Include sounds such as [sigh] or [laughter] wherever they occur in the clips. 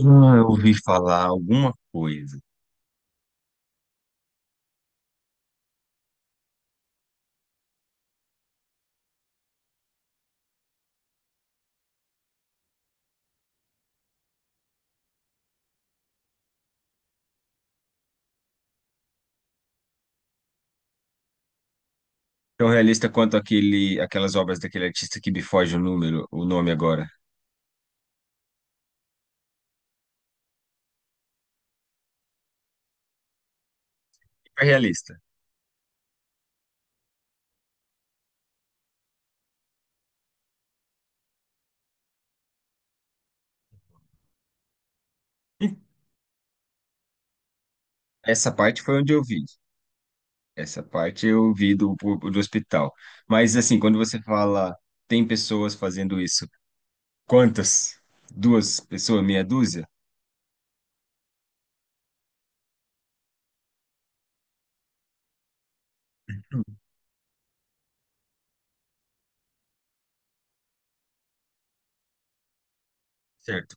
Ah, eu ouvi falar alguma coisa. Tão realista quanto aquelas obras daquele artista que me foge o número, o nome agora. Hiper realista. Hum. Essa parte foi onde eu vi. Essa parte eu vi do hospital. Mas, assim, quando você fala, tem pessoas fazendo isso, quantas? Duas pessoas, meia dúzia? Certo.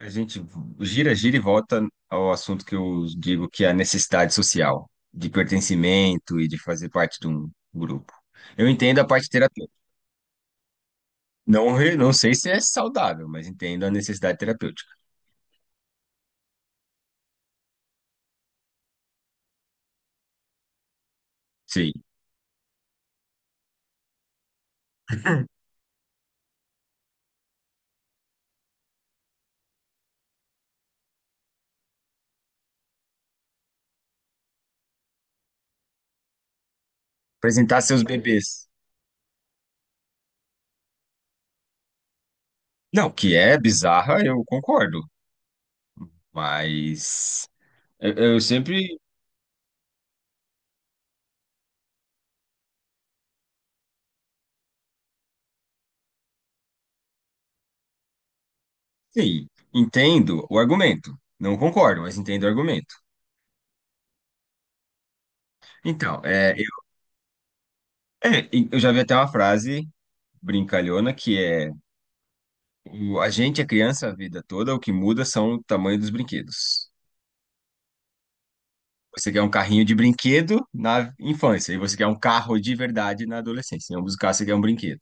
A gente gira, gira e volta ao assunto que eu digo que é a necessidade social, de pertencimento e de fazer parte de um grupo. Eu entendo a parte terapêutica. Não, não sei se é saudável, mas entendo a necessidade terapêutica. Sim. Apresentar seus bebês. Não, que é bizarra, eu concordo. Mas eu sempre, sim, entendo o argumento. Não concordo, mas entendo o argumento. Então, e eu já vi até uma frase brincalhona que é: a gente é criança a vida toda, o que muda são o tamanho dos brinquedos. Você quer um carrinho de brinquedo na infância, e você quer um carro de verdade na adolescência. Em ambos os casos, você quer um brinquedo.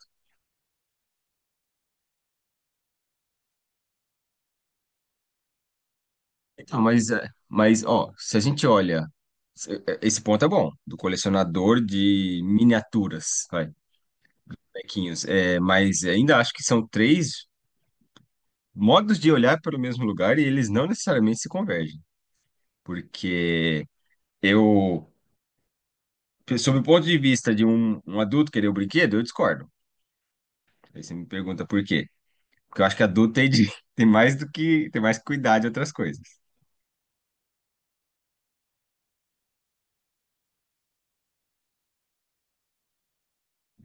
Então, ó, se a gente olha, esse ponto é bom, do colecionador de miniaturas, vai, bonequinhos, é, mas ainda acho que são três modos de olhar para o mesmo lugar e eles não necessariamente se convergem, porque eu, sob o ponto de vista de um adulto querer o brinquedo, eu discordo. Aí você me pergunta por quê? Porque eu acho que adulto tem, [laughs] tem mais do que, tem mais que cuidar de outras coisas.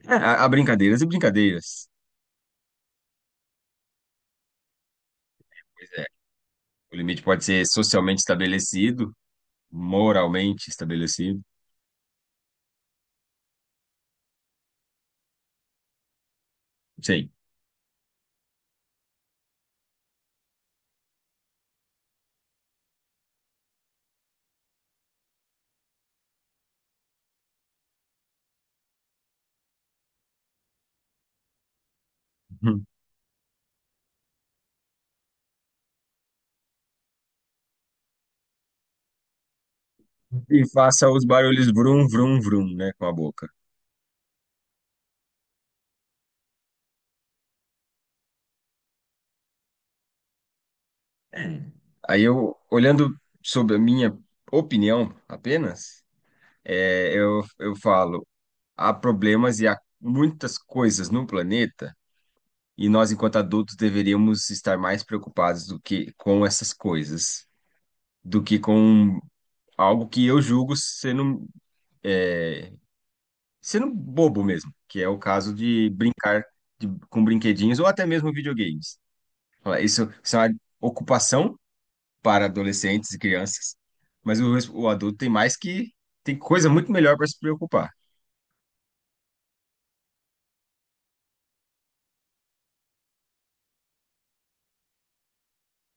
É, há brincadeiras e brincadeiras. Pois é, o limite pode ser socialmente estabelecido, moralmente estabelecido, sim, [laughs] e faça os barulhos vrum, vrum, vrum, né, com a boca. Aí eu, olhando sobre a minha opinião apenas, eu falo, há problemas e há muitas coisas no planeta e nós, enquanto adultos, deveríamos estar mais preocupados do que com essas coisas, do que com algo que eu julgo é, sendo bobo mesmo, que é o caso de brincar com brinquedinhos ou até mesmo videogames. Fala, isso é uma ocupação para adolescentes e crianças, mas o adulto tem mais que tem coisa muito melhor para se preocupar.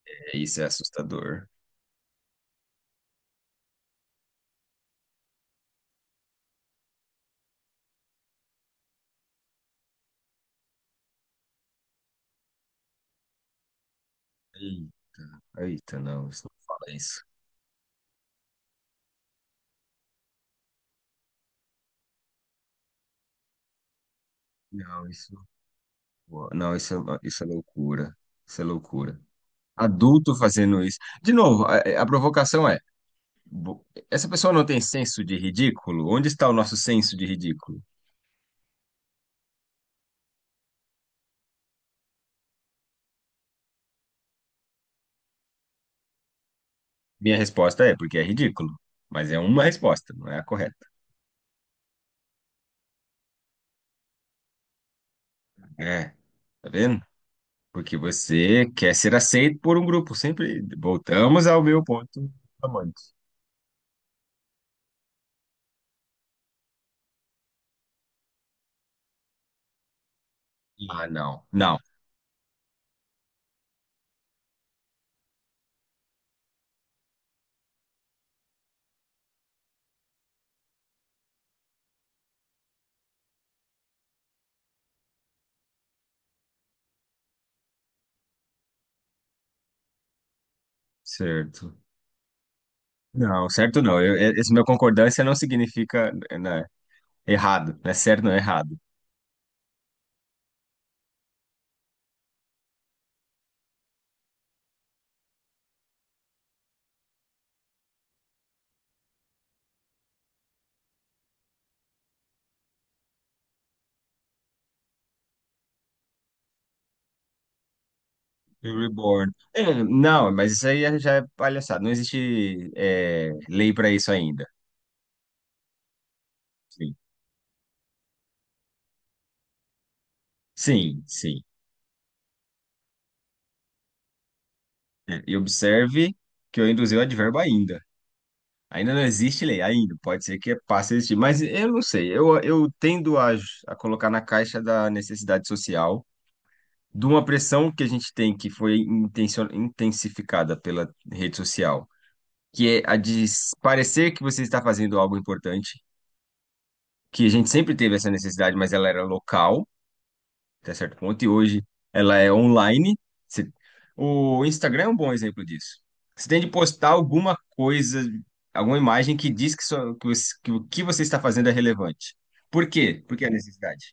É, isso é assustador. Ei, Eita, não, isso não fala isso. Não, não, isso é loucura. Isso é loucura. Adulto fazendo isso. De novo, a provocação é: essa pessoa não tem senso de ridículo? Onde está o nosso senso de ridículo? Minha resposta é porque é ridículo, mas é uma resposta, não é a correta. É, tá vendo? Porque você quer ser aceito por um grupo, sempre voltamos ao meu ponto amante. Ah, certo. Não, certo não. Esse meu concordância não significa, eh, né, errado, né? Certo não é errado. Reborn. É, não, mas isso aí já é palhaçada. Não existe, é, lei para isso ainda. Sim, sim. É, e observe que eu induzi o advérbio ainda. Ainda não existe lei, ainda. Pode ser que passe a existir, mas eu não sei. Eu tendo a colocar na caixa da necessidade social, de uma pressão que a gente tem, que foi intensificada pela rede social, que é a de parecer que você está fazendo algo importante, que a gente sempre teve essa necessidade, mas ela era local. Até certo ponto, e hoje ela é online. Você- O Instagram é um bom exemplo disso. Você tem de postar alguma coisa, alguma imagem que diz que o que você está fazendo é relevante. Por quê? Porque é a necessidade.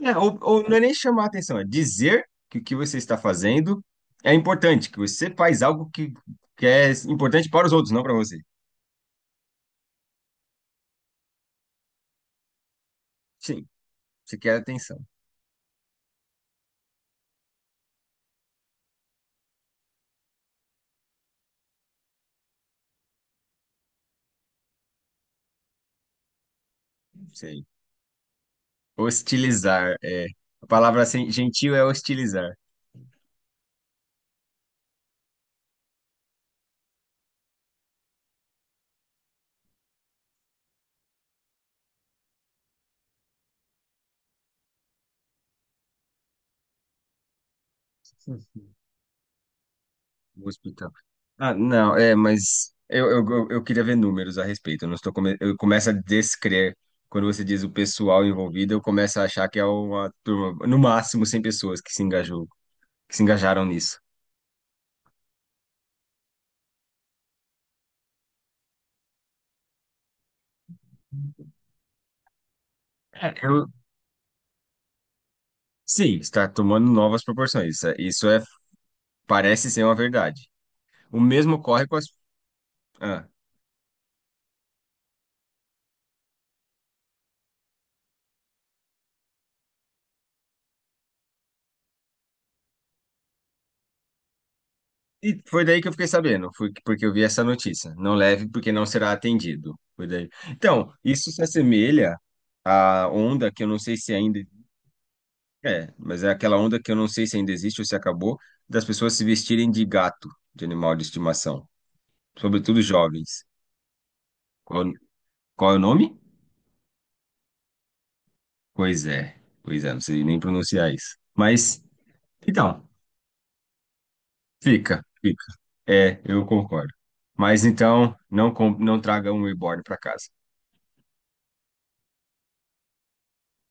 É, ou não é nem chamar a atenção, é dizer que o que você está fazendo é importante, que você faz algo que é importante para os outros, não para você. Sim, você quer atenção. Sim. Hostilizar, é. A palavra assim, gentil é hostilizar. O hospital. Ah, não, é, mas eu queria ver números a respeito. Eu não estou come... Eu começo a descrer. Quando você diz o pessoal envolvido, eu começo a achar que é uma turma, no máximo 100 pessoas que se engajou, que se engajaram nisso. É, eu... Sim, está tomando novas proporções. Isso parece ser uma verdade. O mesmo ocorre com as. Ah. E foi daí que eu fiquei sabendo, foi porque eu vi essa notícia. Não leve porque não será atendido. Foi daí. Então, isso se assemelha à onda que eu não sei se ainda. É, mas é aquela onda que eu não sei se ainda existe ou se acabou, das pessoas se vestirem de gato, de animal de estimação, sobretudo jovens. Qual, qual é o nome? Pois é, pois é, não sei nem pronunciar isso. Mas, então, fica. É, eu concordo. Mas então, não traga um reborn para casa.